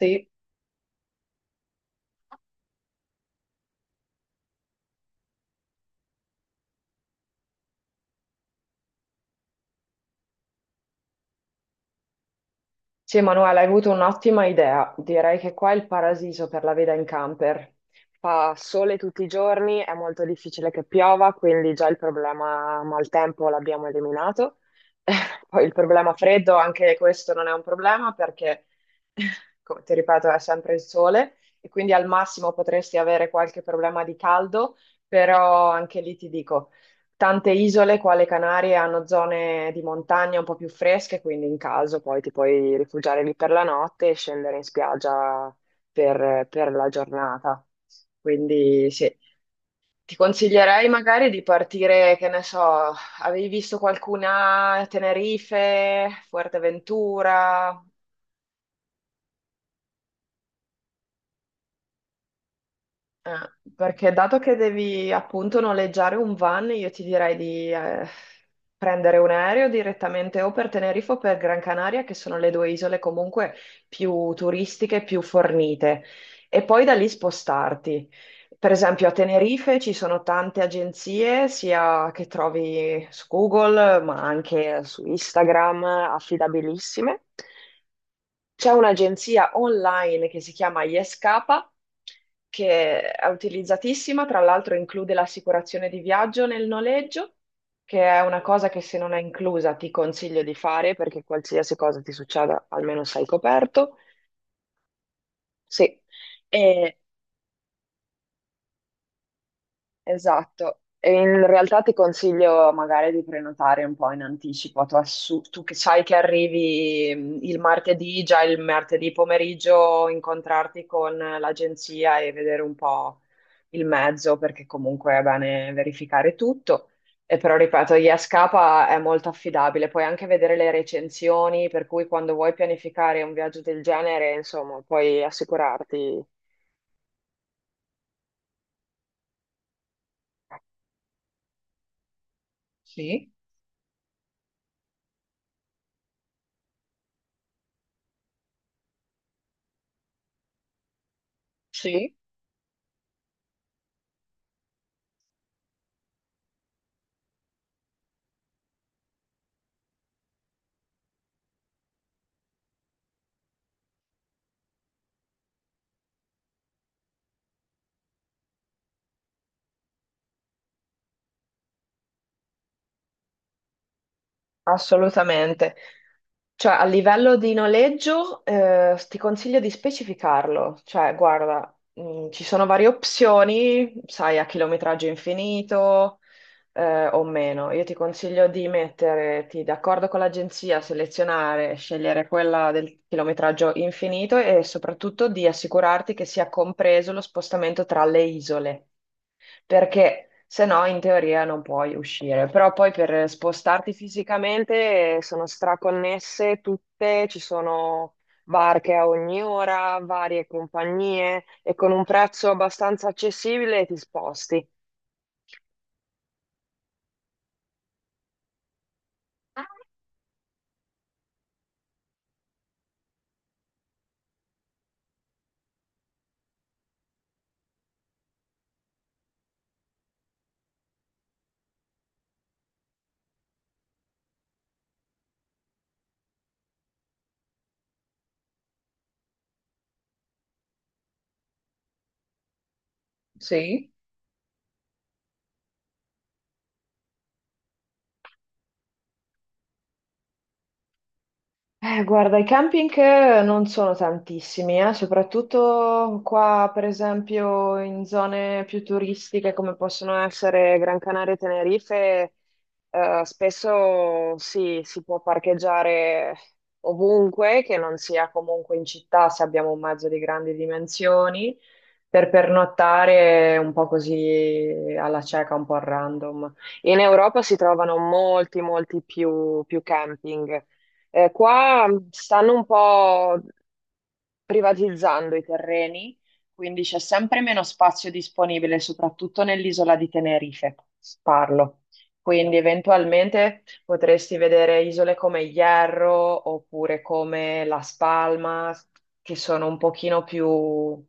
Sì, sì, Emanuele, hai avuto un'ottima idea. Direi che qua è il paradiso per la veda in camper. Fa sole tutti i giorni, è molto difficile che piova, quindi già il problema maltempo l'abbiamo eliminato. Poi il problema freddo, anche questo non è un problema perché, come ti ripeto, è sempre il sole e quindi al massimo potresti avere qualche problema di caldo, però anche lì ti dico. Tante isole qua alle Canarie hanno zone di montagna un po' più fresche, quindi in caso poi ti puoi rifugiare lì per la notte e scendere in spiaggia per la giornata. Quindi sì, ti consiglierei magari di partire, che ne so, avevi visto qualcuna a Tenerife, Fuerteventura? Eh, perché dato che devi appunto noleggiare un van, io ti direi di prendere un aereo direttamente o per Tenerife o per Gran Canaria, che sono le due isole comunque più turistiche, più fornite, e poi da lì spostarti. Per esempio a Tenerife ci sono tante agenzie, sia che trovi su Google, ma anche su Instagram, affidabilissime. C'è un'agenzia online che si chiama Yescapa, che è utilizzatissima, tra l'altro include l'assicurazione di viaggio nel noleggio, che è una cosa che se non è inclusa ti consiglio di fare perché qualsiasi cosa ti succeda almeno sei coperto. Sì, e esatto, e in realtà ti consiglio magari di prenotare un po' in anticipo, tu, tu che sai che arrivi il martedì, già il martedì pomeriggio incontrarti con l'agenzia e vedere un po' il mezzo, perché comunque è bene verificare tutto. E però ripeto, Yascapa è molto affidabile, puoi anche vedere le recensioni, per cui quando vuoi pianificare un viaggio del genere, insomma, puoi assicurarti. Sì. Sì. Assolutamente. Cioè, a livello di noleggio, ti consiglio di specificarlo. Cioè, guarda, ci sono varie opzioni, sai, a chilometraggio infinito, o meno. Io ti consiglio di metterti d'accordo con l'agenzia, selezionare, scegliere quella del chilometraggio infinito e soprattutto di assicurarti che sia compreso lo spostamento tra le isole, perché se no in teoria non puoi uscire, però poi per spostarti fisicamente sono straconnesse tutte, ci sono barche a ogni ora, varie compagnie e con un prezzo abbastanza accessibile ti sposti. Sì? Guarda, i camping non sono tantissimi. Soprattutto qua, per esempio, in zone più turistiche come possono essere Gran Canaria e Tenerife, spesso sì, si può parcheggiare ovunque, che non sia comunque in città, se abbiamo un mezzo di grandi dimensioni, per pernottare un po' così alla cieca, un po' a random. In Europa si trovano molti, molti più camping. Qua stanno un po' privatizzando i terreni, quindi c'è sempre meno spazio disponibile, soprattutto nell'isola di Tenerife, parlo. Quindi eventualmente potresti vedere isole come Hierro oppure come Las Palmas, che sono un pochino più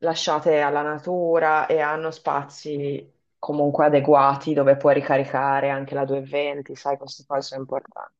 lasciate alla natura e hanno spazi comunque adeguati dove puoi ricaricare anche la 220, sai, queste cose sono importanti.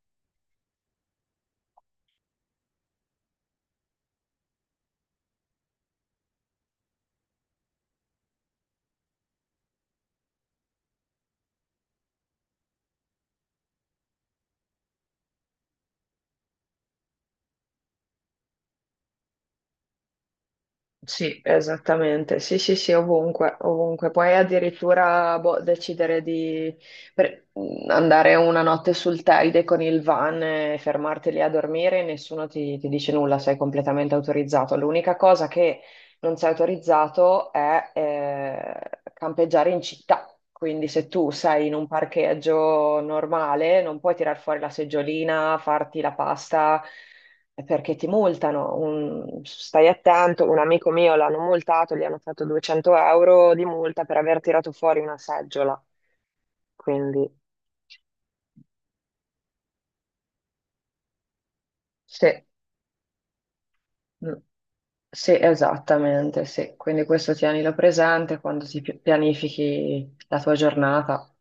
Sì, esattamente. Sì, sì, sì, ovunque, ovunque. Puoi addirittura boh, decidere di andare una notte sul Teide con il van e fermarti lì a dormire, nessuno ti dice nulla, sei completamente autorizzato. L'unica cosa che non sei autorizzato è campeggiare in città. Quindi se tu sei in un parcheggio normale, non puoi tirar fuori la seggiolina, farti la pasta, perché ti multano. Stai attento, un amico mio l'hanno multato, gli hanno fatto 200 € di multa per aver tirato fuori una seggiola. Quindi sì. Mm. Sì, esattamente, sì. Quindi questo tienilo presente quando ti pianifichi la tua giornata.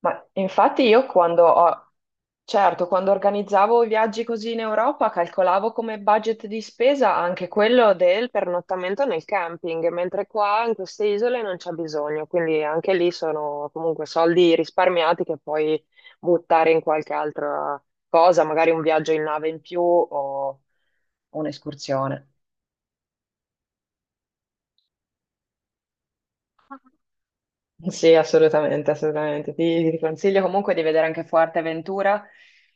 Ma infatti certo, quando organizzavo i viaggi così in Europa, calcolavo come budget di spesa anche quello del pernottamento nel camping, mentre qua in queste isole non c'è bisogno, quindi anche lì sono comunque soldi risparmiati che puoi buttare in qualche altra cosa, magari un viaggio in nave in più o un'escursione. Sì, assolutamente, assolutamente. Ti consiglio comunque di vedere anche Fuerteventura.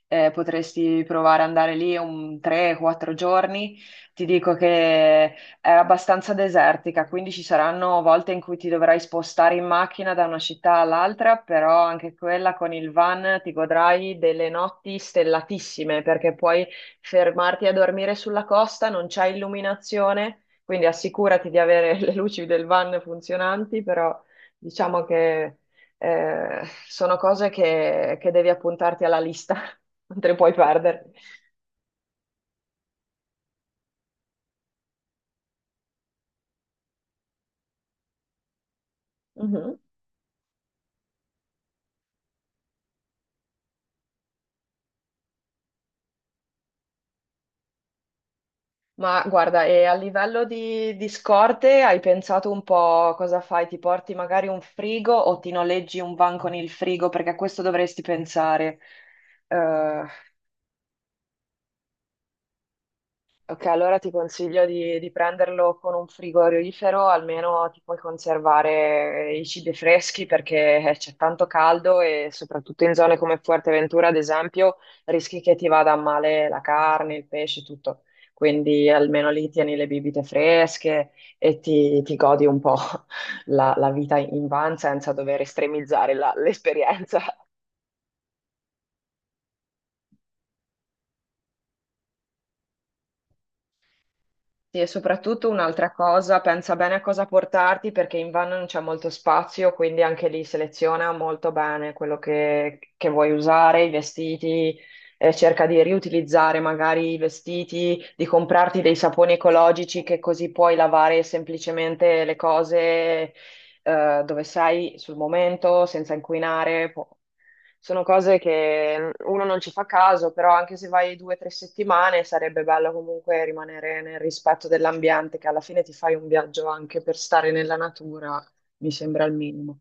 Potresti provare ad andare lì un 3-4 giorni. Ti dico che è abbastanza desertica, quindi ci saranno volte in cui ti dovrai spostare in macchina da una città all'altra, però anche quella con il van ti godrai delle notti stellatissime perché puoi fermarti a dormire sulla costa, non c'è illuminazione. Quindi assicurati di avere le luci del van funzionanti. Però diciamo che sono cose che devi appuntarti alla lista, non te le puoi perdere. Mhm. Ma guarda, e a livello di scorte hai pensato un po' cosa fai? Ti porti magari un frigo o ti noleggi un van con il frigo? Perché a questo dovresti pensare. Eh, Ok, allora ti consiglio di prenderlo con un frigorifero, almeno ti puoi conservare i cibi freschi perché c'è tanto caldo e soprattutto in zone come Fuerteventura, ad esempio, rischi che ti vada a male la carne, il pesce, tutto. Quindi almeno lì tieni le bibite fresche e ti godi un po' la vita in van senza dover estremizzare l'esperienza. Sì, e soprattutto un'altra cosa, pensa bene a cosa portarti perché in van non c'è molto spazio, quindi anche lì seleziona molto bene quello che vuoi usare, i vestiti, cerca di riutilizzare magari i vestiti, di comprarti dei saponi ecologici che così puoi lavare semplicemente le cose, dove sei sul momento, senza inquinare. Sono cose che uno non ci fa caso, però anche se vai due o tre settimane sarebbe bello comunque rimanere nel rispetto dell'ambiente, che alla fine ti fai un viaggio anche per stare nella natura, mi sembra il minimo.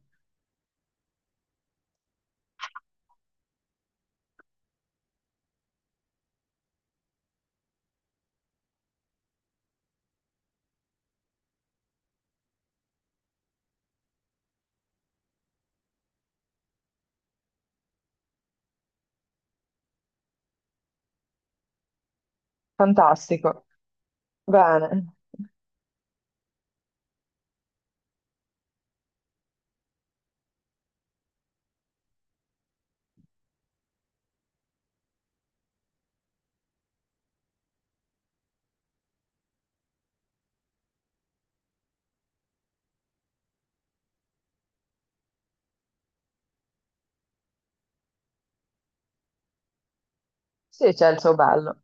Fantastico. Bene. Sì, c'è il suo bello.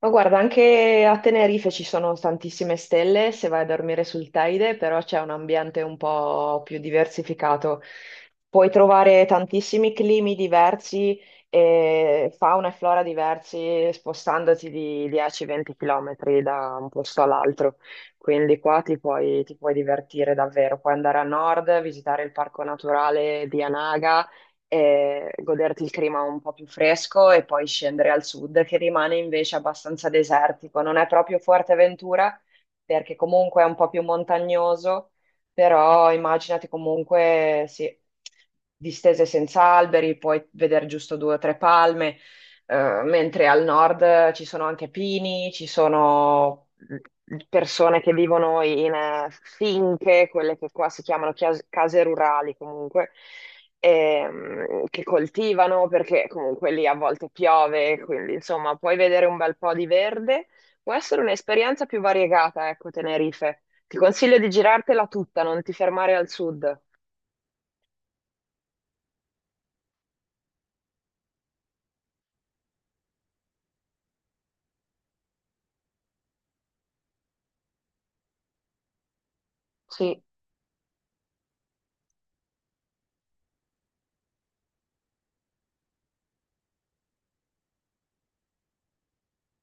Ma guarda, anche a Tenerife ci sono tantissime stelle se vai a dormire sul Teide, però c'è un ambiente un po' più diversificato. Puoi trovare tantissimi climi diversi, e fauna e flora diversi, spostandoti di 10-20 km da un posto all'altro. Quindi qua ti puoi divertire davvero. Puoi andare a nord, visitare il parco naturale di Anaga e goderti il clima un po' più fresco e poi scendere al sud, che rimane invece abbastanza desertico. Non è proprio Fuerteventura, perché comunque è un po' più montagnoso, però immaginati comunque, sì, distese senza alberi, puoi vedere giusto due o tre palme, mentre al nord ci sono anche pini, ci sono persone che vivono in quelle che qua si chiamano case rurali comunque, che coltivano perché comunque lì a volte piove, quindi insomma puoi vedere un bel po' di verde. Può essere un'esperienza più variegata, ecco, Tenerife. Ti consiglio di girartela tutta, non ti fermare al sud. Sì.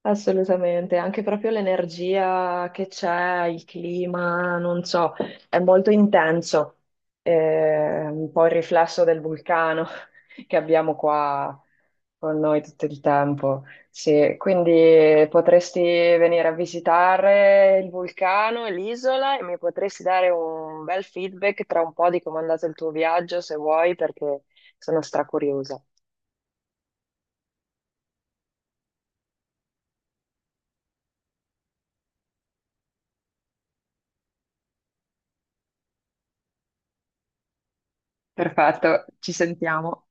Assolutamente, anche proprio l'energia che c'è, il clima, non so, è molto intenso, un po' il riflesso del vulcano che abbiamo qua con noi tutto il tempo. Sì, quindi potresti venire a visitare il vulcano e l'isola e mi potresti dare un bel feedback tra un po' di come è andato il tuo viaggio, se vuoi, perché sono stracuriosa. Perfetto, ci sentiamo.